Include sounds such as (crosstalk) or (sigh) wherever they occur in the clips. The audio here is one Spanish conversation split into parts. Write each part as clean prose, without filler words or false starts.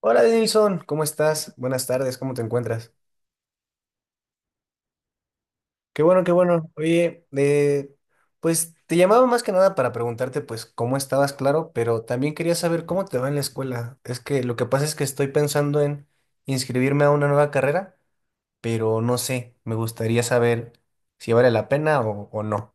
Hola Denilson, ¿cómo estás? Buenas tardes, ¿cómo te encuentras? Qué bueno, qué bueno. Oye, pues te llamaba más que nada para preguntarte pues cómo estabas, claro, pero también quería saber cómo te va en la escuela. Es que lo que pasa es que estoy pensando en inscribirme a una nueva carrera, pero no sé, me gustaría saber si vale la pena o no.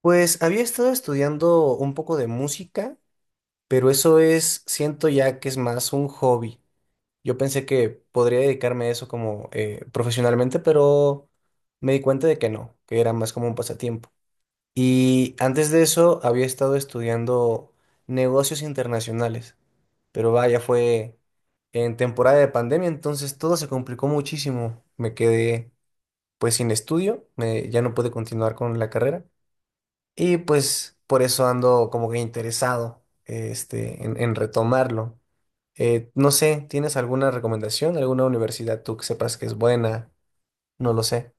Pues había estado estudiando un poco de música, pero eso es, siento ya que es más un hobby. Yo pensé que podría dedicarme a eso como profesionalmente, pero me di cuenta de que no, que era más como un pasatiempo. Y antes de eso había estado estudiando negocios internacionales, pero vaya, fue en temporada de pandemia, entonces todo se complicó muchísimo. Me quedé pues sin estudio, ya no pude continuar con la carrera y pues por eso ando como que interesado este, en retomarlo. No sé, ¿tienes alguna recomendación? ¿Alguna universidad tú que sepas que es buena? No lo sé.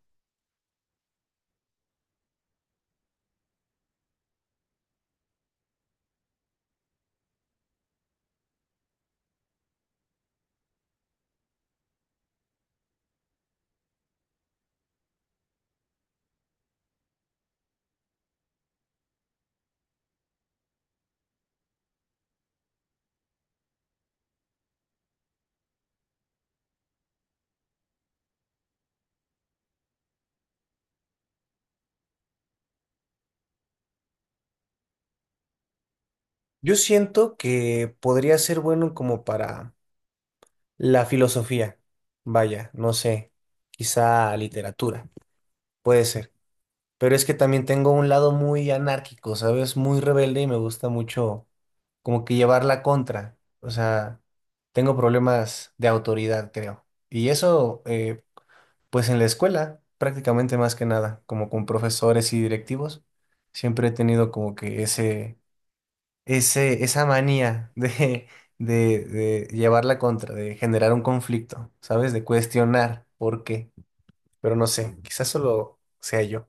Yo siento que podría ser bueno como para la filosofía. Vaya, no sé, quizá literatura, puede ser. Pero es que también tengo un lado muy anárquico, ¿sabes? Muy rebelde y me gusta mucho como que llevar la contra. O sea, tengo problemas de autoridad, creo. Y eso, pues en la escuela, prácticamente más que nada, como con profesores y directivos, siempre he tenido como que esa manía de, (laughs) de llevar la contra, de generar un conflicto, ¿sabes? De cuestionar por qué. Pero no sé, quizás solo sea yo.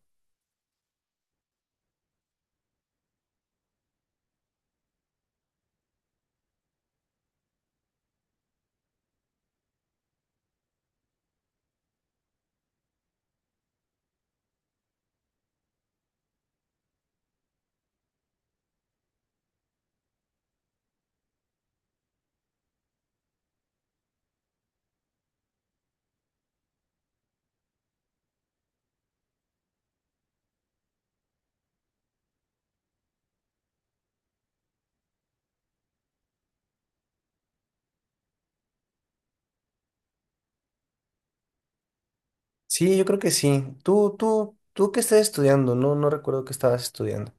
Sí, yo creo que sí. Tú qué estás estudiando, no recuerdo qué estabas estudiando.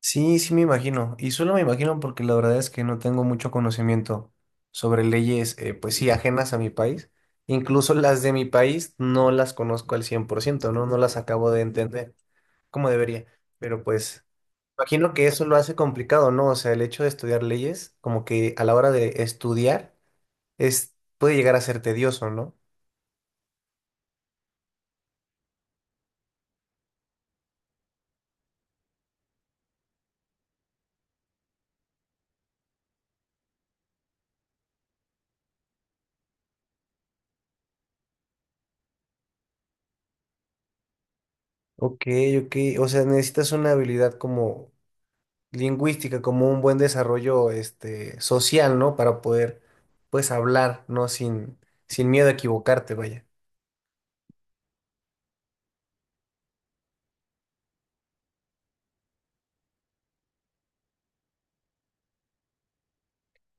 Sí, sí me imagino. Y solo me imagino porque la verdad es que no tengo mucho conocimiento sobre leyes, pues sí, ajenas a mi país. Incluso las de mi país no las conozco al cien por ciento, ¿no? No las acabo de entender como debería. Pero pues, imagino que eso lo hace complicado, ¿no? O sea, el hecho de estudiar leyes, como que a la hora de estudiar, es, puede llegar a ser tedioso, ¿no? Ok, ok. O sea, necesitas una habilidad como lingüística como un buen desarrollo este, social, ¿no? Para poder, pues, hablar, ¿no? Sin miedo a equivocarte, vaya.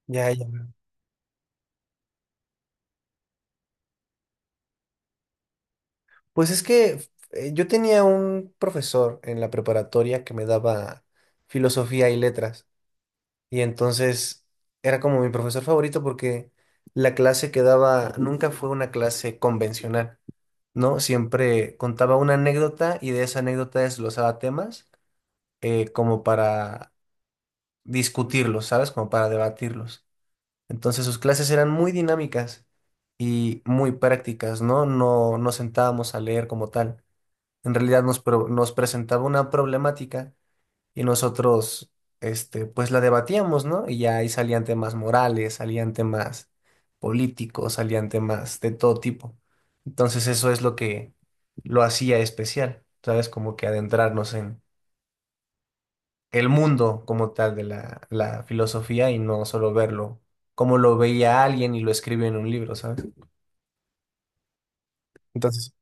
Ya, ya. Pues es que yo tenía un profesor en la preparatoria que me daba filosofía y letras, y entonces era como mi profesor favorito porque la clase que daba nunca fue una clase convencional, ¿no? Siempre contaba una anécdota y de esa anécdota desglosaba temas como para discutirlos, ¿sabes? Como para debatirlos. Entonces sus clases eran muy dinámicas y muy prácticas, ¿no? No nos sentábamos a leer como tal. En realidad nos presentaba una problemática y nosotros, este, pues la debatíamos, ¿no? Y ya ahí salían temas morales, salían temas políticos, salían temas de todo tipo. Entonces eso es lo que lo hacía especial, ¿sabes? Como que adentrarnos el mundo como tal de la filosofía y no solo verlo como lo veía alguien y lo escribió en un libro, ¿sabes? Entonces,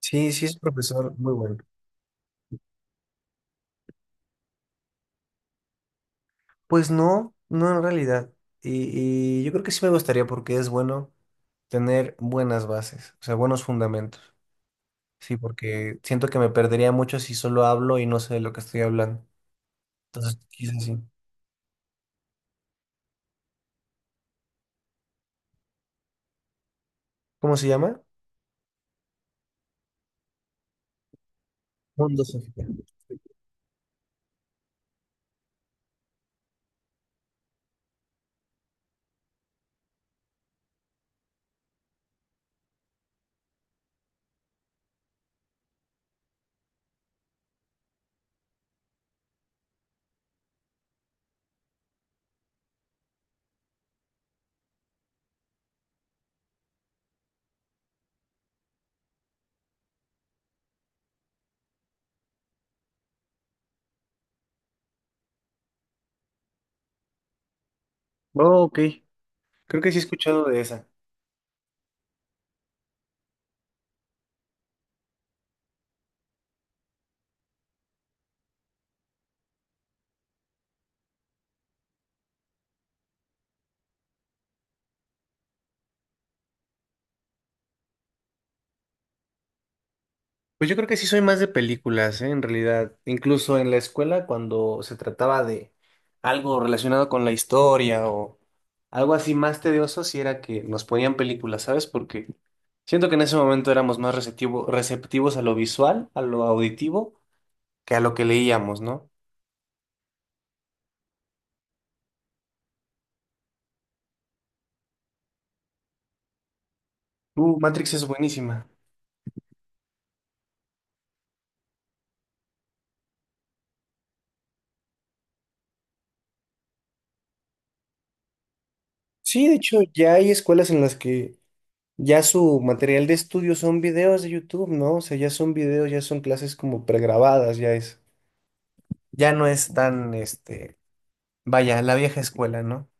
sí, sí es un profesor muy bueno. Pues no, no en realidad. Y yo creo que sí me gustaría porque es bueno tener buenas bases, o sea, buenos fundamentos. Sí, porque siento que me perdería mucho si solo hablo y no sé de lo que estoy hablando. Entonces, quizás sí. ¿Cómo se llama? Mundo Sofía. Oh, ok. Creo que sí he escuchado de esa. Pues yo creo que sí soy más de películas, ¿eh? En realidad, incluso en la escuela cuando se trataba de algo relacionado con la historia o algo así más tedioso, sí era que nos ponían películas, ¿sabes? Porque siento que en ese momento éramos más receptivos a lo visual, a lo auditivo, que a lo que leíamos, ¿no? Matrix es buenísima. Sí, de hecho, ya hay escuelas en las que ya su material de estudio son videos de YouTube, ¿no? O sea, ya son videos, ya son clases como pregrabadas, ya es. Ya no es tan, este, vaya, la vieja escuela, ¿no?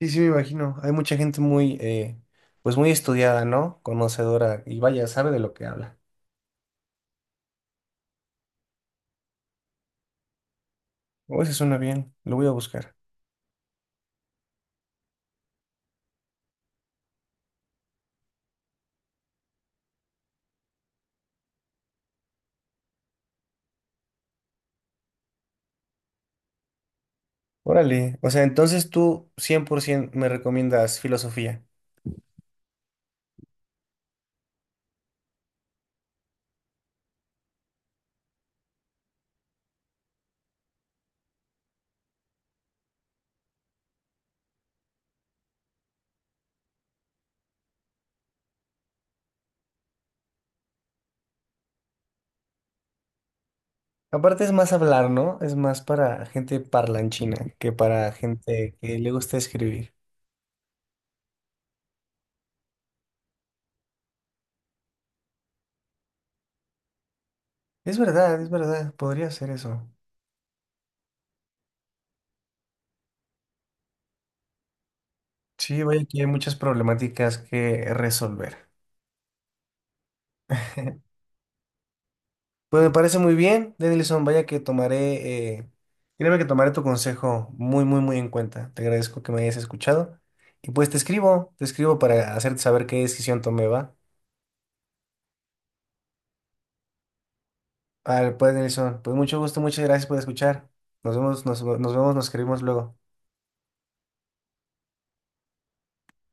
Sí, sí, me imagino. Hay mucha gente muy, pues muy estudiada, ¿no? Conocedora y vaya, sabe de lo que habla. Oh, eso suena bien, lo voy a buscar. Órale, o sea, entonces tú 100% me recomiendas filosofía. Aparte es más hablar, ¿no? Es más para gente parlanchina que para gente que le gusta escribir. Es verdad, podría ser eso. Sí, vaya que hay muchas problemáticas que resolver. (laughs) Pues me parece muy bien, Denilson. Vaya que tomaré, créeme que tomaré tu consejo muy, muy, muy en cuenta. Te agradezco que me hayas escuchado. Y pues te escribo para hacerte saber qué decisión tomé, ¿va? Al pues Denilson, pues mucho gusto, muchas gracias por escuchar. Nos vemos, nos vemos, nos escribimos luego.